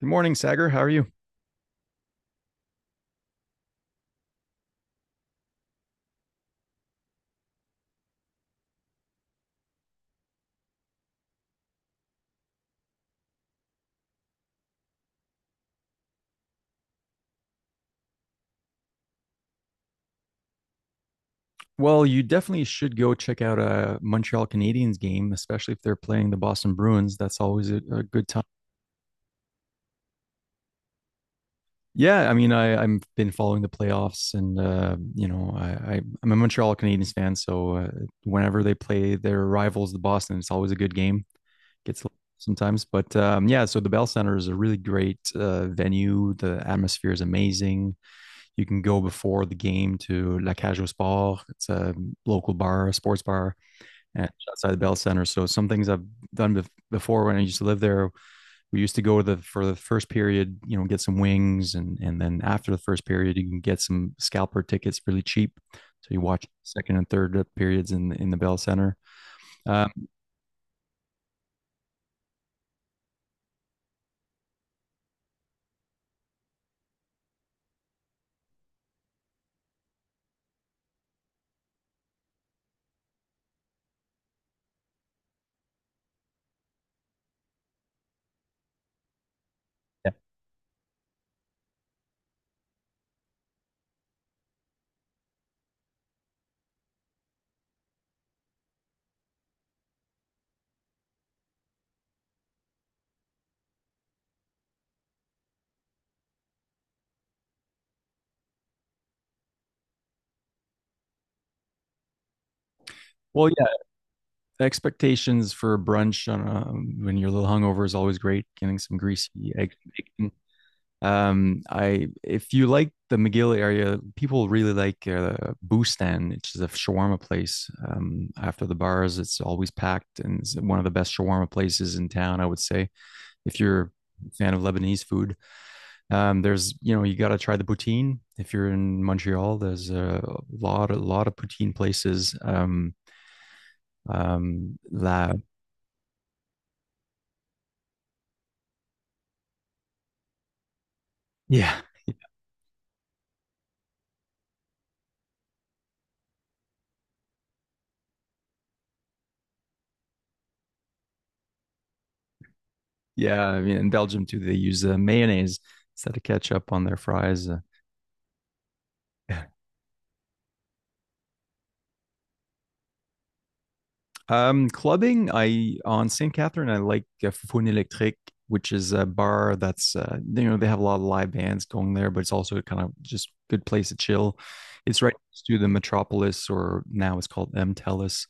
Good morning, Sagar. How are you? Well, you definitely should go check out a Montreal Canadiens game, especially if they're playing the Boston Bruins. That's always a good time. Yeah, I mean, I've been following the playoffs, and you know, I'm a Montreal Canadiens fan, so whenever they play their rivals, the Boston, it's always a good game. Gets sometimes, but yeah. So the Bell Center is a really great venue. The atmosphere is amazing. You can go before the game to La Cage au Sport. It's a local bar, a sports bar and outside the Bell Center. So some things I've before when I used to live there, we used to go to the for the first period, you know, get some wings, and then after the first period, you can get some scalper tickets really cheap. So you watch second and third periods in the Bell Center. Um, yeah. Well, yeah, expectations for brunch on a, when you're a little hungover is always great. Getting some greasy eggs. I if you like the McGill area, people really like Bustan, which is a shawarma place. After the bars, it's always packed, and it's one of the best shawarma places in town. I would say if you're a fan of Lebanese food, there's you know you got to try the poutine. If you're in Montreal, there's a lot of poutine places. La Yeah. Yeah. I mean in Belgium too, they use mayonnaise instead of ketchup on their fries. Uh, Clubbing, I on St. Catherine, I like Fun Electrique, which is a bar that's you know they have a lot of live bands going there, but it's also kind of just good place to chill. It's right next to the Metropolis, or now it's called M Telus,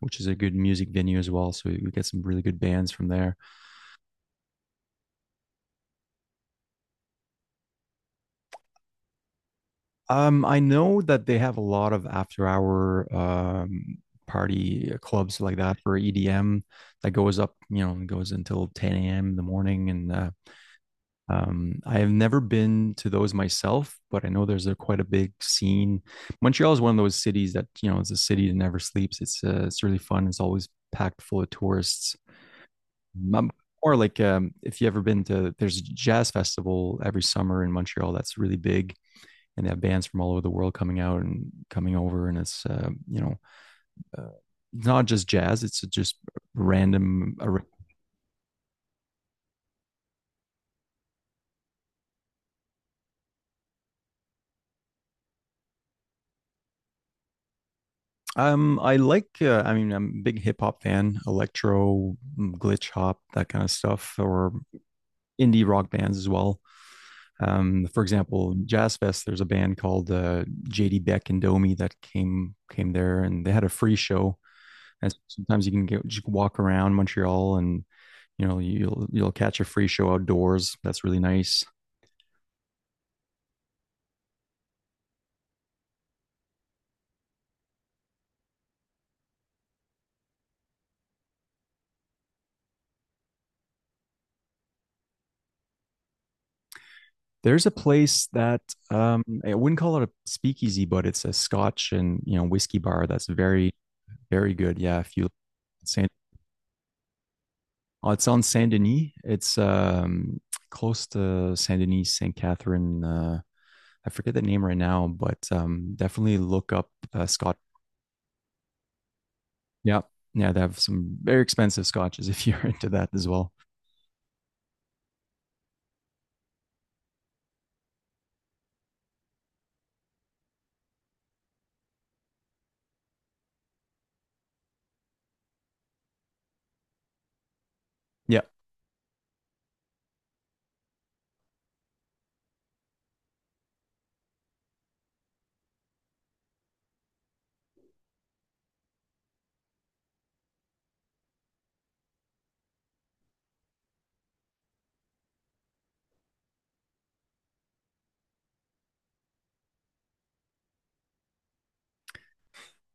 which is a good music venue as well. So we get some really good bands from there. I know that they have a lot of after hour party clubs like that for EDM that goes up, you know, goes until 10 a.m. in the morning and I have never been to those myself, but I know there's a quite a big scene. Montreal is one of those cities that you know it's a city that never sleeps. It's really fun. It's always packed full of tourists. Um, or like if you ever been to there's a jazz festival every summer in Montreal that's really big, and they have bands from all over the world coming out and coming over, and it's you know. Uh, Not just jazz; it's just random a. I like, I mean, I'm a big hip hop fan, electro, glitch hop, that kind of stuff, or indie rock bands as well. For example, Jazz Fest, there's a band called JD Beck and Domi that came there, and they had a free show. And sometimes you can get, just walk around Montreal, and you know you'll catch a free show outdoors. That's really nice. There's a place that I wouldn't call it a speakeasy, but it's a Scotch and you know whiskey bar that's very good. Yeah, if you Saint, oh, it's on Saint Denis. It's close to Saint Denis, Saint Catherine. I forget the name right now, but definitely look up Scotch. Yeah. Yeah. They have some very expensive scotches if you're into that as well. Yeah.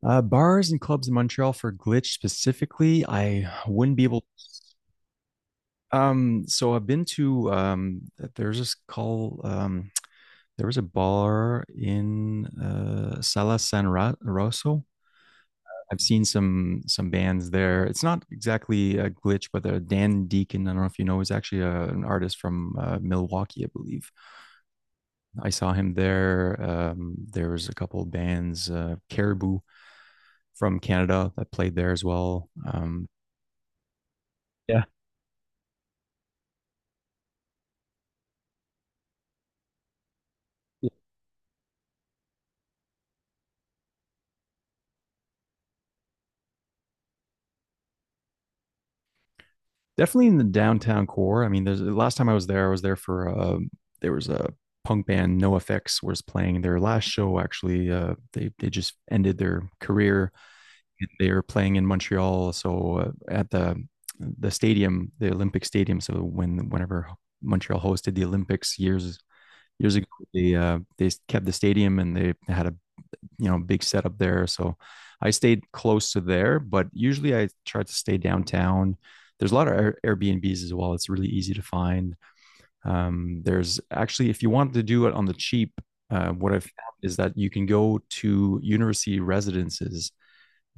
Bars and clubs in Montreal for glitch specifically, I wouldn't be able. So I've been to there's this call. There was a bar in uh, Rosso. I've seen some bands there. It's not exactly a glitch, but Dan Deacon, I don't know if you know, is actually an artist from Milwaukee, I believe. I saw him there. There was a couple of bands, Caribou from Canada that played there as well. Yeah. Definitely in the downtown core. I mean, there's the last time I was there for there was a punk band No Effects was playing their last show. Actually, they just ended their career. They were playing in Montreal, so at the stadium, the Olympic Stadium. So whenever Montreal hosted the Olympics years ago they kept the stadium and they had a you know big setup there, so I stayed close to there, but usually I tried to stay downtown. There's a lot of Airbnbs as well. It's really easy to find. There's actually, if you want to do it on the cheap, what I've found is that you can go to university residences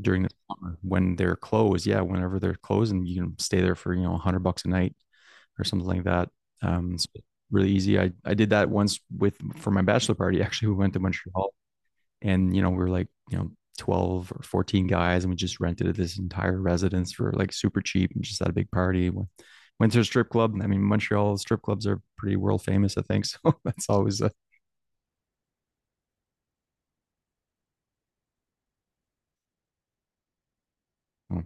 during the summer when they're closed, yeah, whenever they're closed, and you can stay there for you know 100 bucks a night or something like that. So really easy. I did that once with for my bachelor party. Actually, we went to Montreal and you know, we were like, you know, 12 or 14 guys and we just rented this entire residence for like super cheap and just had a big party. Went to a strip club. I mean, Montreal strip clubs are pretty world famous, I think. So that's always a. Hmm.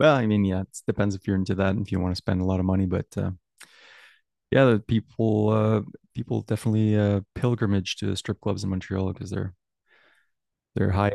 Well, I mean, yeah, it depends if you're into that and if you want to spend a lot of money, but yeah, the people people definitely pilgrimage to strip clubs in Montreal because they're high.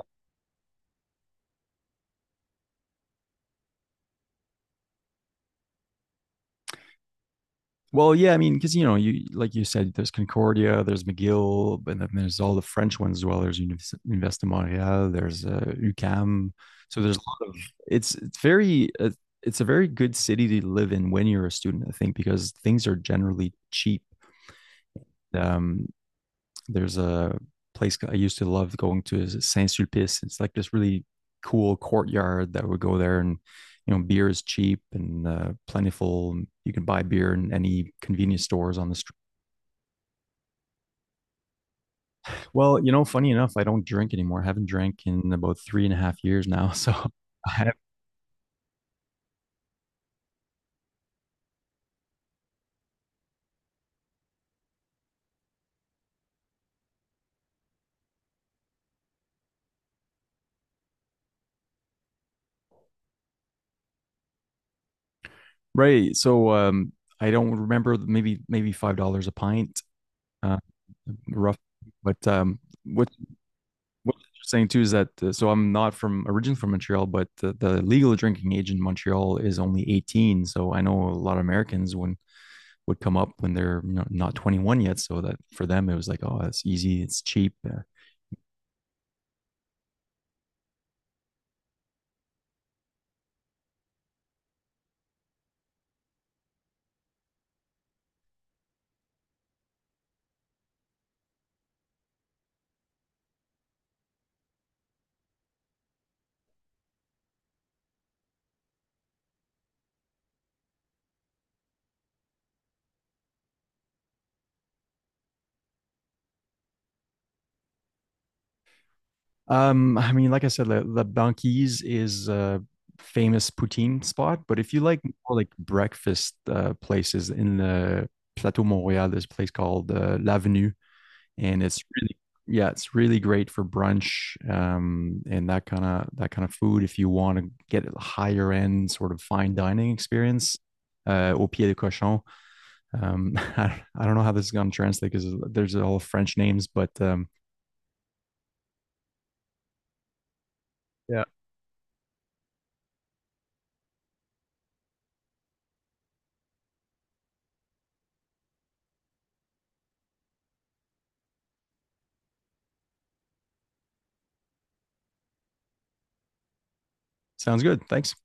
Well, yeah, I mean, because you know, you like you said, there's Concordia, there's McGill, and then there's all the French ones as well. There's Université Montréal, there's UCAM. So there's a lot of it's very it's a very good city to live in when you're a student, I think, because things are generally cheap. Um, there's a place I used to love going to is Saint Sulpice. It's like this really cool courtyard that would go there, and you know beer is cheap and plentiful. You can buy beer in any convenience stores on the street. Well, you know, funny enough, I don't drink anymore. I haven't drank in about three and a half years now. So I have, right. So I don't remember, maybe $5 a pint, uh rough. But what what's interesting too is that so I'm not from originally from Montreal, but the legal drinking age in Montreal is only 18. So I know a lot of Americans when would come up when they're you know, not 21 yet. So that for them, it was like, oh, it's easy, it's cheap. I mean, like I said, La Banquise is a famous poutine spot, but if you like more like breakfast places in the Plateau Montréal, there's a place called L'Avenue and it's really yeah it's really great for brunch and that kind of food. If you want to get a higher end sort of fine dining experience, au pied de cochon. I don't know how this is going to translate because there's all French names, but yeah. Sounds good, thanks.